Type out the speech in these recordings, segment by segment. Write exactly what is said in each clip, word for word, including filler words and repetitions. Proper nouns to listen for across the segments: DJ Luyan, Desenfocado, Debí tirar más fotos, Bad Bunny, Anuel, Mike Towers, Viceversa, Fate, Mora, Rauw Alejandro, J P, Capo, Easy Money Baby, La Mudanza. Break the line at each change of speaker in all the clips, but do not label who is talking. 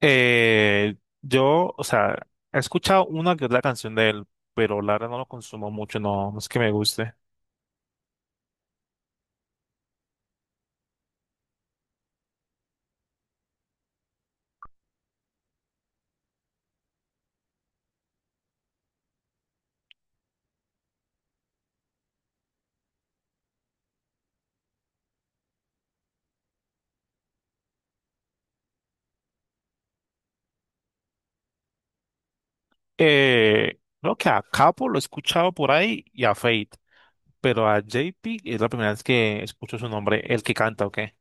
Eh, yo, o sea, he escuchado una que otra canción de él, pero la verdad no lo consumo mucho, no, no es que me guste. Eh, creo que a Capo lo he escuchado por ahí y a Fate, pero a J P es la primera vez que escucho su nombre, el que canta, ¿o qué?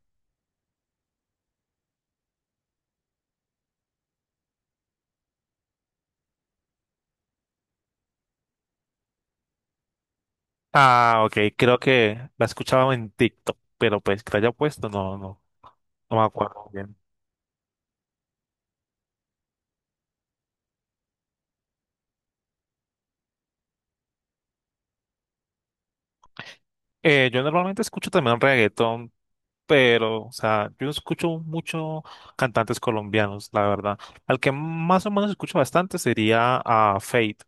Ah, ok, creo que la he escuchado en TikTok, pero pues que la haya puesto, no, no, no me acuerdo bien. Eh, yo normalmente escucho también reggaetón, pero, o sea, yo no escucho mucho cantantes colombianos, la verdad. Al que más o menos escucho bastante sería a Fate,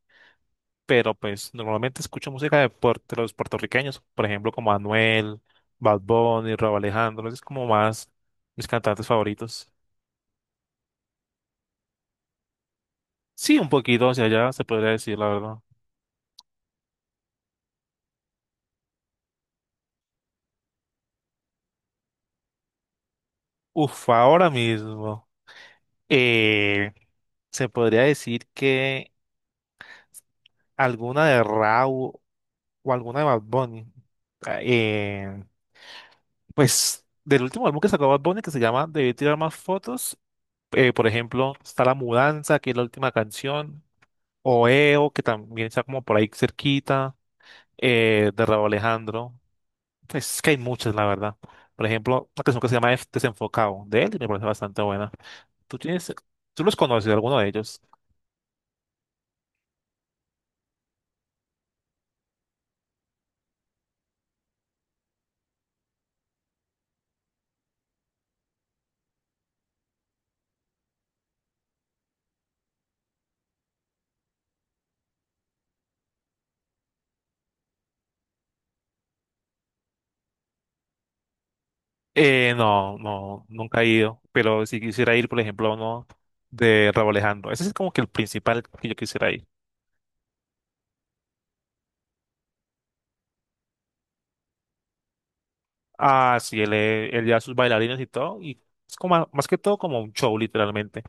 pero pues normalmente escucho música de, puer- de los puertorriqueños, por ejemplo, como Anuel, Bad Bunny, Rauw Alejandro, es como más mis cantantes favoritos. Sí, un poquito hacia allá, se podría decir, la verdad. Uf, ahora mismo. eh, Se podría decir que alguna de Raúl o alguna de Bad Bunny. Eh, Pues del último álbum que sacó Bad Bunny, que se llama Debí tirar más fotos, eh, por ejemplo, está La Mudanza, que es la última canción, Oeo, que también está como por ahí cerquita, eh, de Rauw Alejandro. Pues es que hay muchas, la verdad. Por ejemplo, una canción que se llama F- Desenfocado, de él, y me parece bastante buena. ¿Tú tienes, tú los conoces, alguno de ellos? Eh, no, no, nunca he ido, pero si quisiera ir, por ejemplo, a uno de Rauw Alejandro. Ese es como que el principal que yo quisiera ir. Ah, sí, él, eh, él lleva sus bailarines y todo, y es como más que todo como un show, literalmente.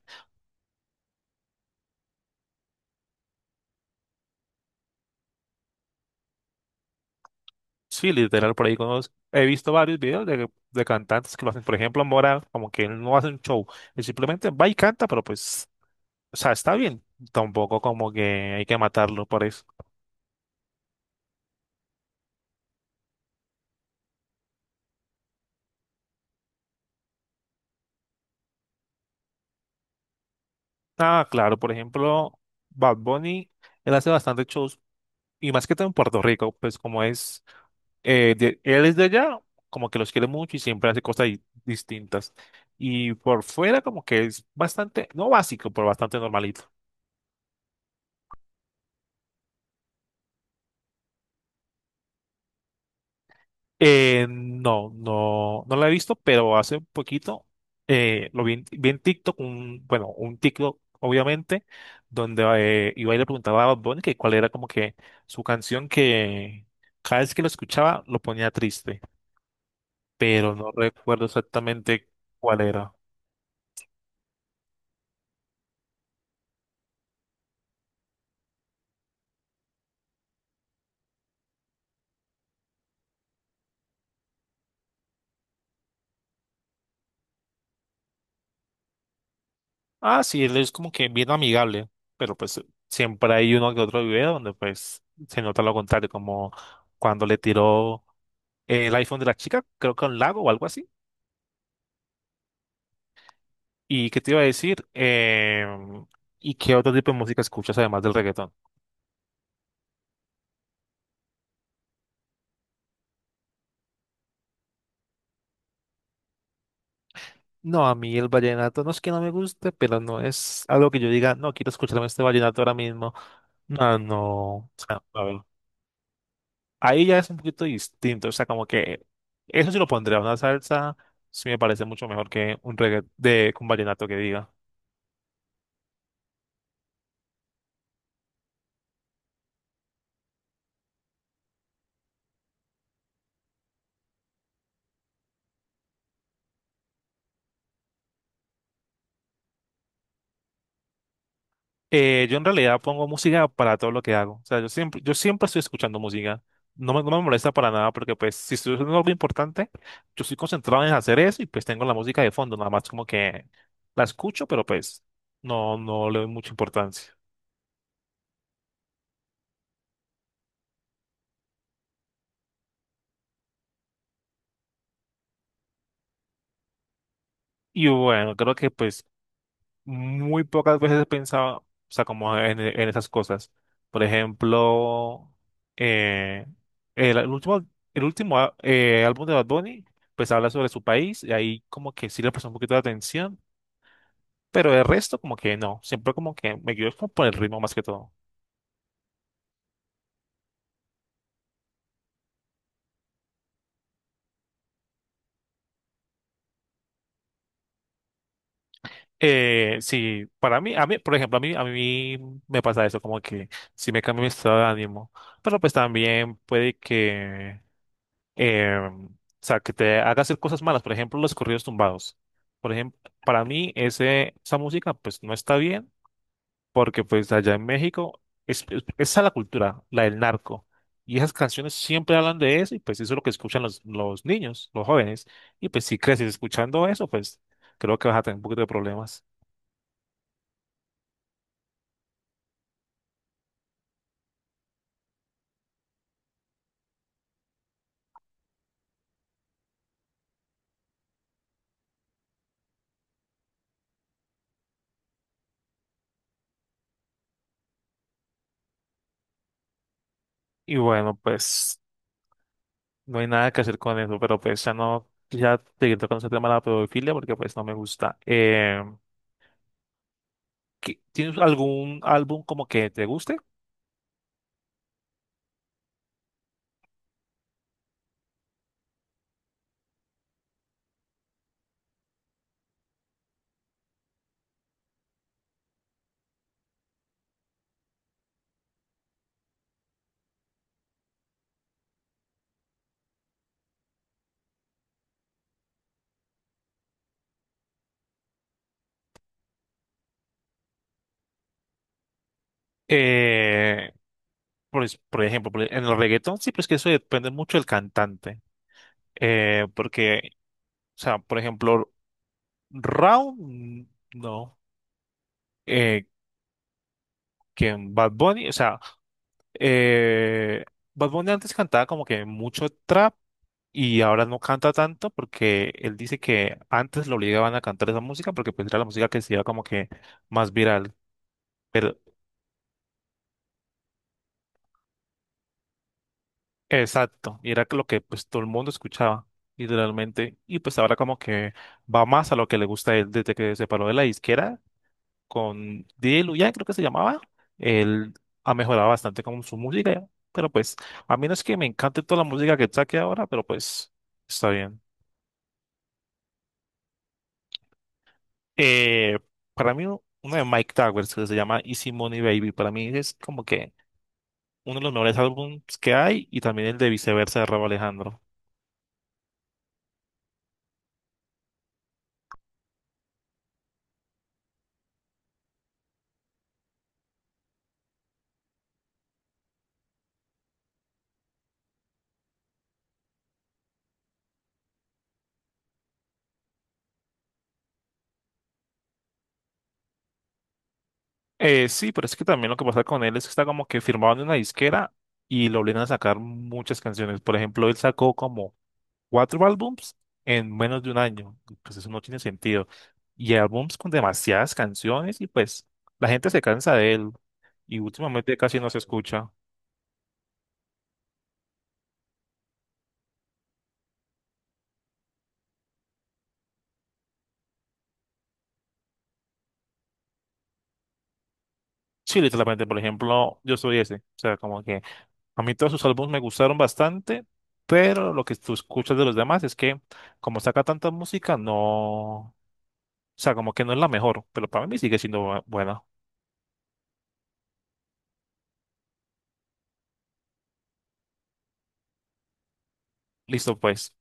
Sí, literal, por ahí conozco- he visto varios videos de, de cantantes que lo hacen. Por ejemplo, Mora, como que él no hace un show, él simplemente va y canta, pero pues, o sea, está bien. Tampoco como que hay que matarlo por eso. Ah, claro, por ejemplo, Bad Bunny, él hace bastantes shows, y más que todo en Puerto Rico, pues como es. Eh, de- él es de allá, como que los quiere mucho y siempre hace cosas di- distintas. Y por fuera como que es bastante, no básico, pero bastante normalito. Eh, no, no, no la he visto, pero hace un poquito eh, lo vi, en vi en TikTok, un, bueno, un TikTok obviamente, donde eh, iba y le preguntaba a Bad Bunny que cuál era como que su canción que cada vez que lo escuchaba lo ponía triste, pero no recuerdo exactamente cuál era. Ah, sí, él es como que bien amigable, pero pues siempre hay uno que otro video donde pues se nota lo contrario, como cuando le tiró el iPhone de la chica, creo que a un lago o algo así. ¿Y qué te iba a decir? Em, ¿y qué otro tipo de música escuchas además del reggaetón? No, a mí el vallenato no es que no me guste, pero no es algo que yo diga, no, quiero escucharme este vallenato ahora mismo. No, no, o sea, a ver. Ahí ya es un poquito distinto, o sea, como que eso sí lo pondría, una salsa sí me parece mucho mejor que un reggae de un vallenato que diga. Eh, yo en realidad pongo música para todo lo que hago, o sea, yo siempre, yo siempre estoy escuchando música, no me, no me molesta para nada porque pues si estoy haciendo algo importante, yo estoy concentrado en hacer eso y pues tengo la música de fondo, nada más como que la escucho, pero pues no, no le doy mucha importancia. Y bueno, creo que pues muy pocas veces he pensado, o sea, como en, en esas cosas. Por ejemplo, eh, el, el último, el último a- eh, álbum de Bad Bunny, pues habla sobre su país y ahí como que sí le prestó un poquito de atención, pero el resto como que no, siempre como que me guío como por el ritmo más que todo. Eh, sí, para mí, a mí, por ejemplo, a mí, a mí me pasa eso, como que sí me cambia mi estado de ánimo, pero pues también puede que eh, o sea, que te haga hacer cosas malas, por ejemplo, los corridos tumbados. Por ejemplo, para mí ese, esa música pues no está bien porque pues allá en México es, es- esa es la cultura, la del narco. Y esas canciones siempre hablan de eso y pues eso es lo que escuchan los, los niños, los jóvenes. Y pues si creces escuchando eso, pues creo que vas a tener un poquito de problemas. Y bueno, pues no hay nada que hacer con eso, pero pues ya no, ya seguir tocando ese tema de la pedofilia porque pues no me gusta. Eh, ¿Qué- ¿Tienes algún álbum como que te guste? Eh, pues, por ejemplo, por- e, en el reggaetón sí, pues que eso depende mucho del cantante. Eh, porque, o sea, por ejemplo, Rao, mm, no. Eh, que en Bad Bunny, o sea, eh, Bad Bunny antes cantaba como que mucho trap y ahora no canta tanto porque él dice que antes lo obligaban a cantar esa música porque pues era la música que se iba como que más viral. Exacto, y era lo que pues todo el mundo escuchaba, literalmente, y pues ahora como que va más a lo que le gusta a él desde que se separó de la disquera con D J Luyan, creo que se llamaba, él ha mejorado bastante con su música, pero pues a mí no es que me encante toda la música que saque ahora, pero pues está bien. Eh, para mí u- uno de Mike Towers que se llama Easy Money Baby, para mí es como que uno de los mejores álbumes que hay y también el de Viceversa de Rauw Alejandro. Eh, sí, pero es que también lo que pasa con él es que está como que firmado en una disquera y lo obligan a sacar muchas canciones. Por ejemplo, él sacó como cuatro álbums en menos de un año. Y pues eso no tiene sentido. Y álbums con demasiadas canciones y pues la gente se cansa de él y últimamente casi no se escucha. Sí, literalmente, por ejemplo, yo soy ese. O sea, como que a mí todos sus álbumes me gustaron bastante, pero lo que tú escuchas de los demás es que como saca tanta música, no sea, como que no es la mejor, pero para mí sigue siendo bu- buena. Listo, pues.